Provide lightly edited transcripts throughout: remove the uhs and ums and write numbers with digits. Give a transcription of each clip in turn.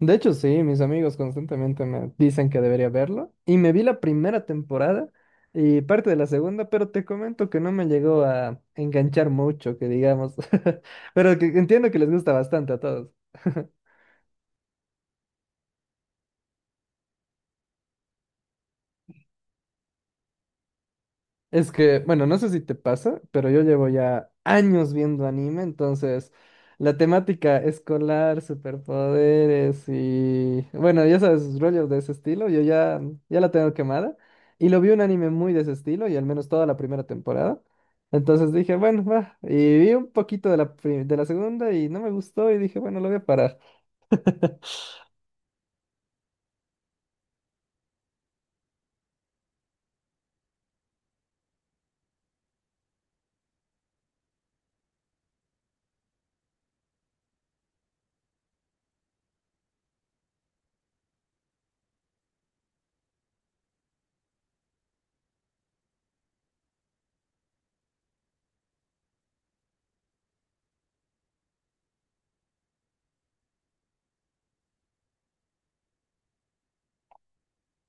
De hecho, sí, mis amigos constantemente me dicen que debería verlo. Y me vi la primera temporada y parte de la segunda, pero te comento que no me llegó a enganchar mucho, que digamos. Pero que entiendo que les gusta bastante a todos. Es que, bueno, no sé si te pasa, pero yo llevo ya años viendo anime, entonces la temática escolar, superpoderes y, bueno, ya sabes, rollos de ese estilo, yo ya la tengo quemada. Y lo vi un anime muy de ese estilo, y al menos toda la primera temporada. Entonces dije, bueno, va. Y vi un poquito de la segunda y no me gustó y dije, bueno, lo voy a parar.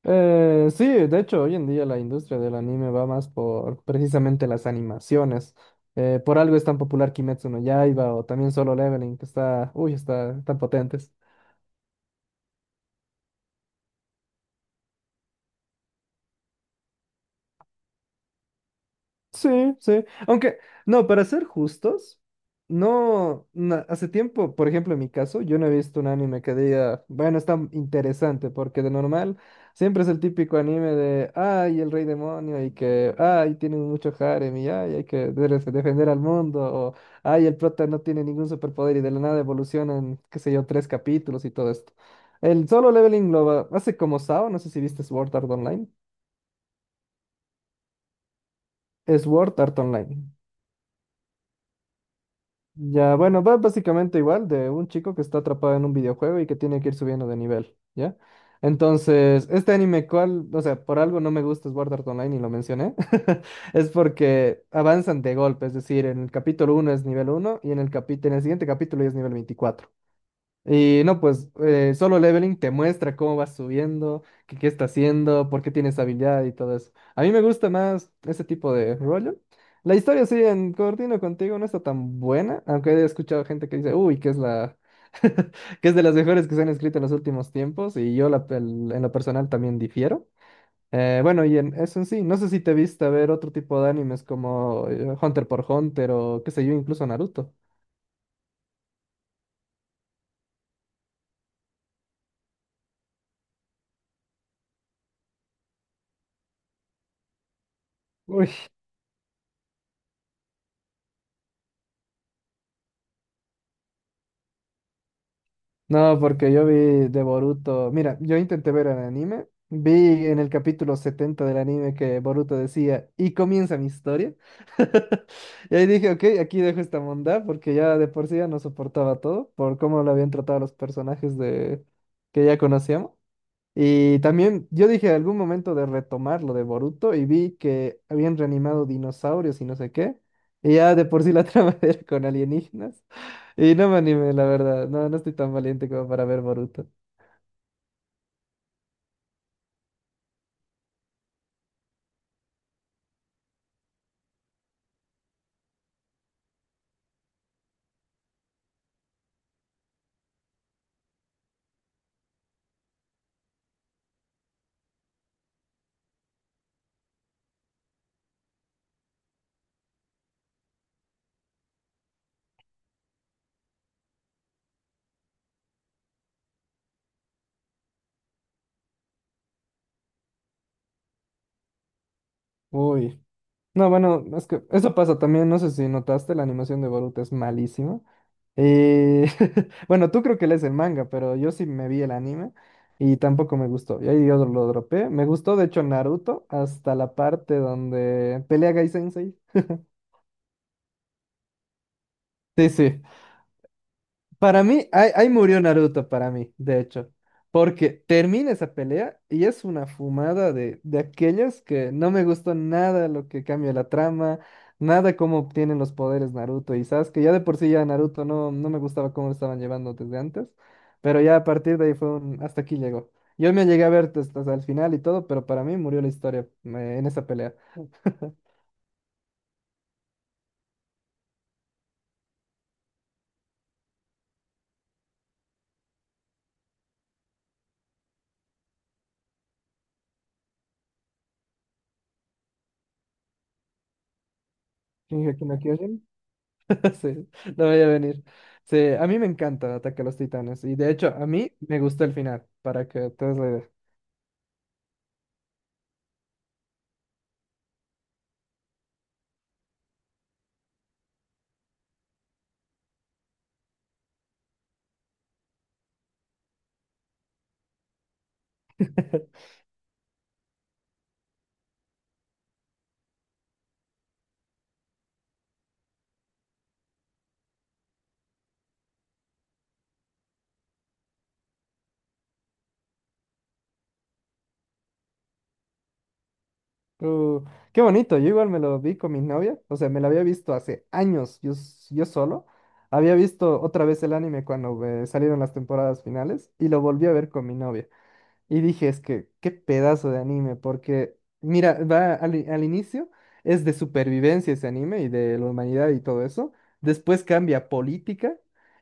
Sí, de hecho, hoy en día la industria del anime va más por precisamente las animaciones. Por algo es tan popular Kimetsu no Yaiba o también Solo Leveling, que está, uy, está tan potente. Sí, sí. Aunque, no, para ser justos, no, na- hace tiempo, por ejemplo, en mi caso, yo no he visto un anime que diga, bueno, está interesante, porque de normal siempre es el típico anime de, ay, el rey demonio, y que, ay, tiene mucho harem, y ay, hay que defender al mundo, o, ay, el prota no tiene ningún superpoder y de la nada evoluciona en, qué sé yo, tres capítulos y todo esto. El Solo Leveling hace como Sao, no sé si viste Sword Art Online. Sword Art Online. Ya, bueno, va básicamente igual de un chico que está atrapado en un videojuego y que tiene que ir subiendo de nivel, ¿ya? Entonces, este anime, ¿cuál? O sea, por algo no me gusta Sword Art Online y lo mencioné. Es porque avanzan de golpe, es decir, en el capítulo uno es nivel uno y en el siguiente capítulo ya es nivel 24. Y no, pues Solo Leveling te muestra cómo vas subiendo, qué, qué está haciendo, por qué tienes habilidad y todo eso. A mí me gusta más ese tipo de rollo. La historia, sí, en Coordino contigo no está tan buena, aunque he escuchado gente que dice, uy, que es que es de las mejores que se han escrito en los últimos tiempos, y yo en lo personal también difiero. Bueno, y en eso en sí, no sé si te viste a ver otro tipo de animes como Hunter por Hunter o qué sé yo, incluso Naruto. No, porque yo vi de Boruto. Mira, yo intenté ver el anime. Vi en el capítulo 70 del anime que Boruto decía, y comienza mi historia. Y ahí dije, ok, aquí dejo esta bondad porque ya de por sí ya no soportaba todo por cómo lo habían tratado a los personajes de que ya conocíamos. Y también yo dije algún momento de retomar lo de Boruto y vi que habían reanimado dinosaurios y no sé qué. Y ya de por sí la trama era con alienígenas. Y no me animé, la verdad. No, no estoy tan valiente como para ver Boruto. Uy. No, bueno, es que eso pasa también. No sé si notaste, la animación de Boruto es malísima. Y bueno, tú creo que lees el manga, pero yo sí me vi el anime y tampoco me gustó. Y ahí yo lo dropé. Me gustó, de hecho, Naruto hasta la parte donde pelea Gai Sensei. Sí, sí. Para mí, ahí murió Naruto, para mí, de hecho. Porque termina esa pelea y es una fumada de aquellas que no me gustó nada lo que cambia la trama, nada cómo obtienen los poderes Naruto y Sasuke. Ya de por sí ya Naruto no, no me gustaba cómo lo estaban llevando desde antes, pero ya a partir de ahí fue un... hasta aquí llegó. Yo me llegué a ver hasta, hasta el final y todo, pero para mí murió la historia en esa pelea. Shingeki no Kyojin. Sí, no voy a venir. Sí, a mí me encanta Ataque a los Titanes. Y de hecho, a mí me gustó el final, para que te des la idea. Uh, qué bonito, yo igual me lo vi con mi novia, o sea, me lo había visto hace años, yo solo, había visto otra vez el anime cuando salieron las temporadas finales y lo volví a ver con mi novia. Y dije, es que qué pedazo de anime, porque mira, va al inicio es de supervivencia ese anime y de la humanidad y todo eso. Después cambia a política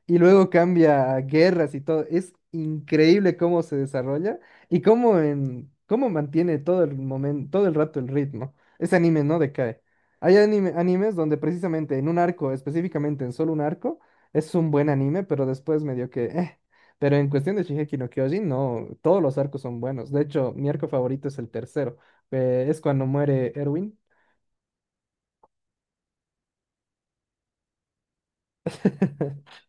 y luego cambia a guerras y todo. Es increíble cómo se desarrolla y cómo mantiene todo el momento, todo el rato el ritmo. Ese anime no decae. Hay animes donde precisamente en un arco, específicamente en solo un arco, es un buen anime, pero después medio que. Pero en cuestión de Shingeki no Kyojin, no, todos los arcos son buenos. De hecho, mi arco favorito es el tercero. Es cuando muere Erwin.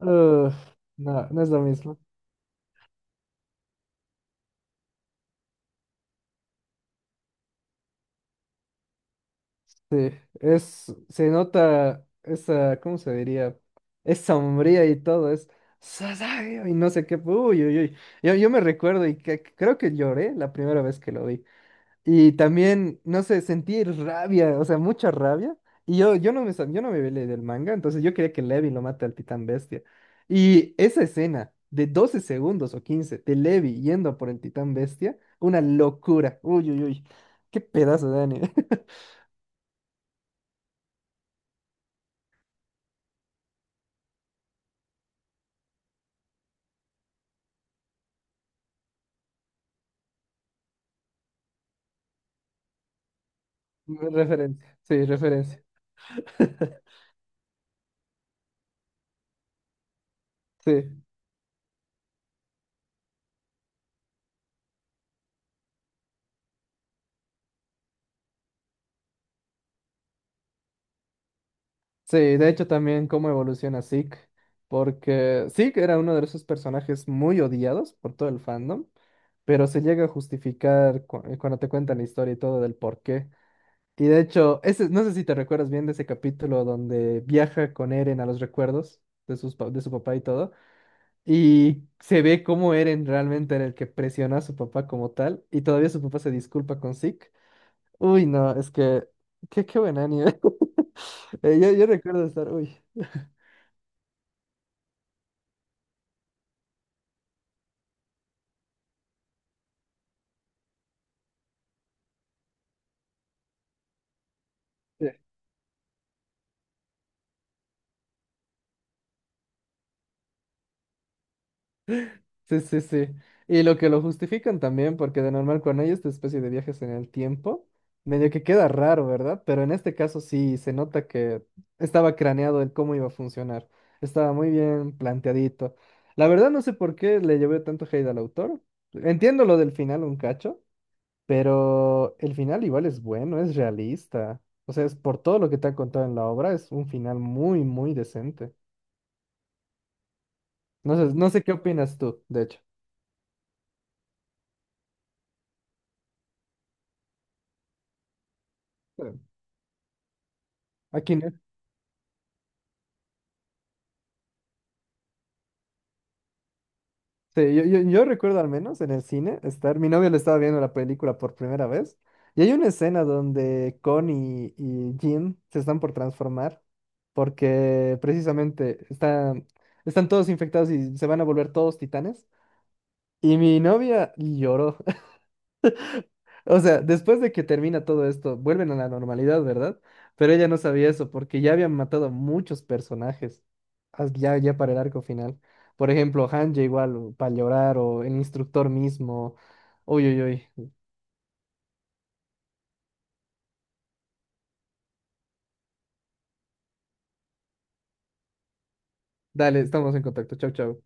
Uf, no, no es lo mismo. Sí, es, se nota esa, ¿cómo se diría? Es sombría y todo, es Sasageo y no sé qué. Uy, uy, uy. Yo me recuerdo y que, creo que lloré la primera vez que lo vi. Y también, no sé, sentí rabia, o sea, mucha rabia. Y yo no me velé del manga, entonces yo quería que Levi lo mate al titán bestia. Y esa escena de 12 segundos o 15 de Levi yendo por el titán bestia, una locura. Uy, uy, uy. Qué pedazo de anime. Referencia, sí, referencia. Sí. Sí, de hecho también cómo evoluciona Zeke, porque Zeke era uno de esos personajes muy odiados por todo el fandom, pero se llega a justificar cuando te cuentan la historia y todo del por qué. Y de hecho, ese, no sé si te recuerdas bien de ese capítulo donde viaja con Eren a los recuerdos de su papá y todo, y se ve cómo Eren realmente era el que presionó a su papá como tal, y todavía su papá se disculpa con Zeke. Uy, no, es que, qué, qué buen anime. Yo recuerdo estar, uy. Sí, sí, sí. Y lo que lo justifican también, porque de normal cuando hay esta especie de viajes en el tiempo, medio que queda raro, ¿verdad? Pero en este caso sí se nota que estaba craneado el cómo iba a funcionar. Estaba muy bien planteadito. La verdad no sé por qué le llevé tanto hate al autor. Entiendo lo del final un cacho, pero el final igual es bueno, es realista. O sea, es por todo lo que te han contado en la obra, es un final muy, muy decente. No sé, no sé qué opinas tú, de hecho. Sí. Aquí no. Sí, yo recuerdo al menos en el cine estar, mi novio le estaba viendo la película por primera vez y hay una escena donde Connie y Jim se están por transformar porque precisamente están todos infectados y se van a volver todos titanes y mi novia lloró o sea, después de que termina todo esto, vuelven a la normalidad, ¿verdad? Pero ella no sabía eso, porque ya habían matado a muchos personajes, ya para el arco final. Por ejemplo, Hanja igual, para llorar, o el instructor mismo. Uy, uy, uy. Dale, estamos en contacto. Chau, chau.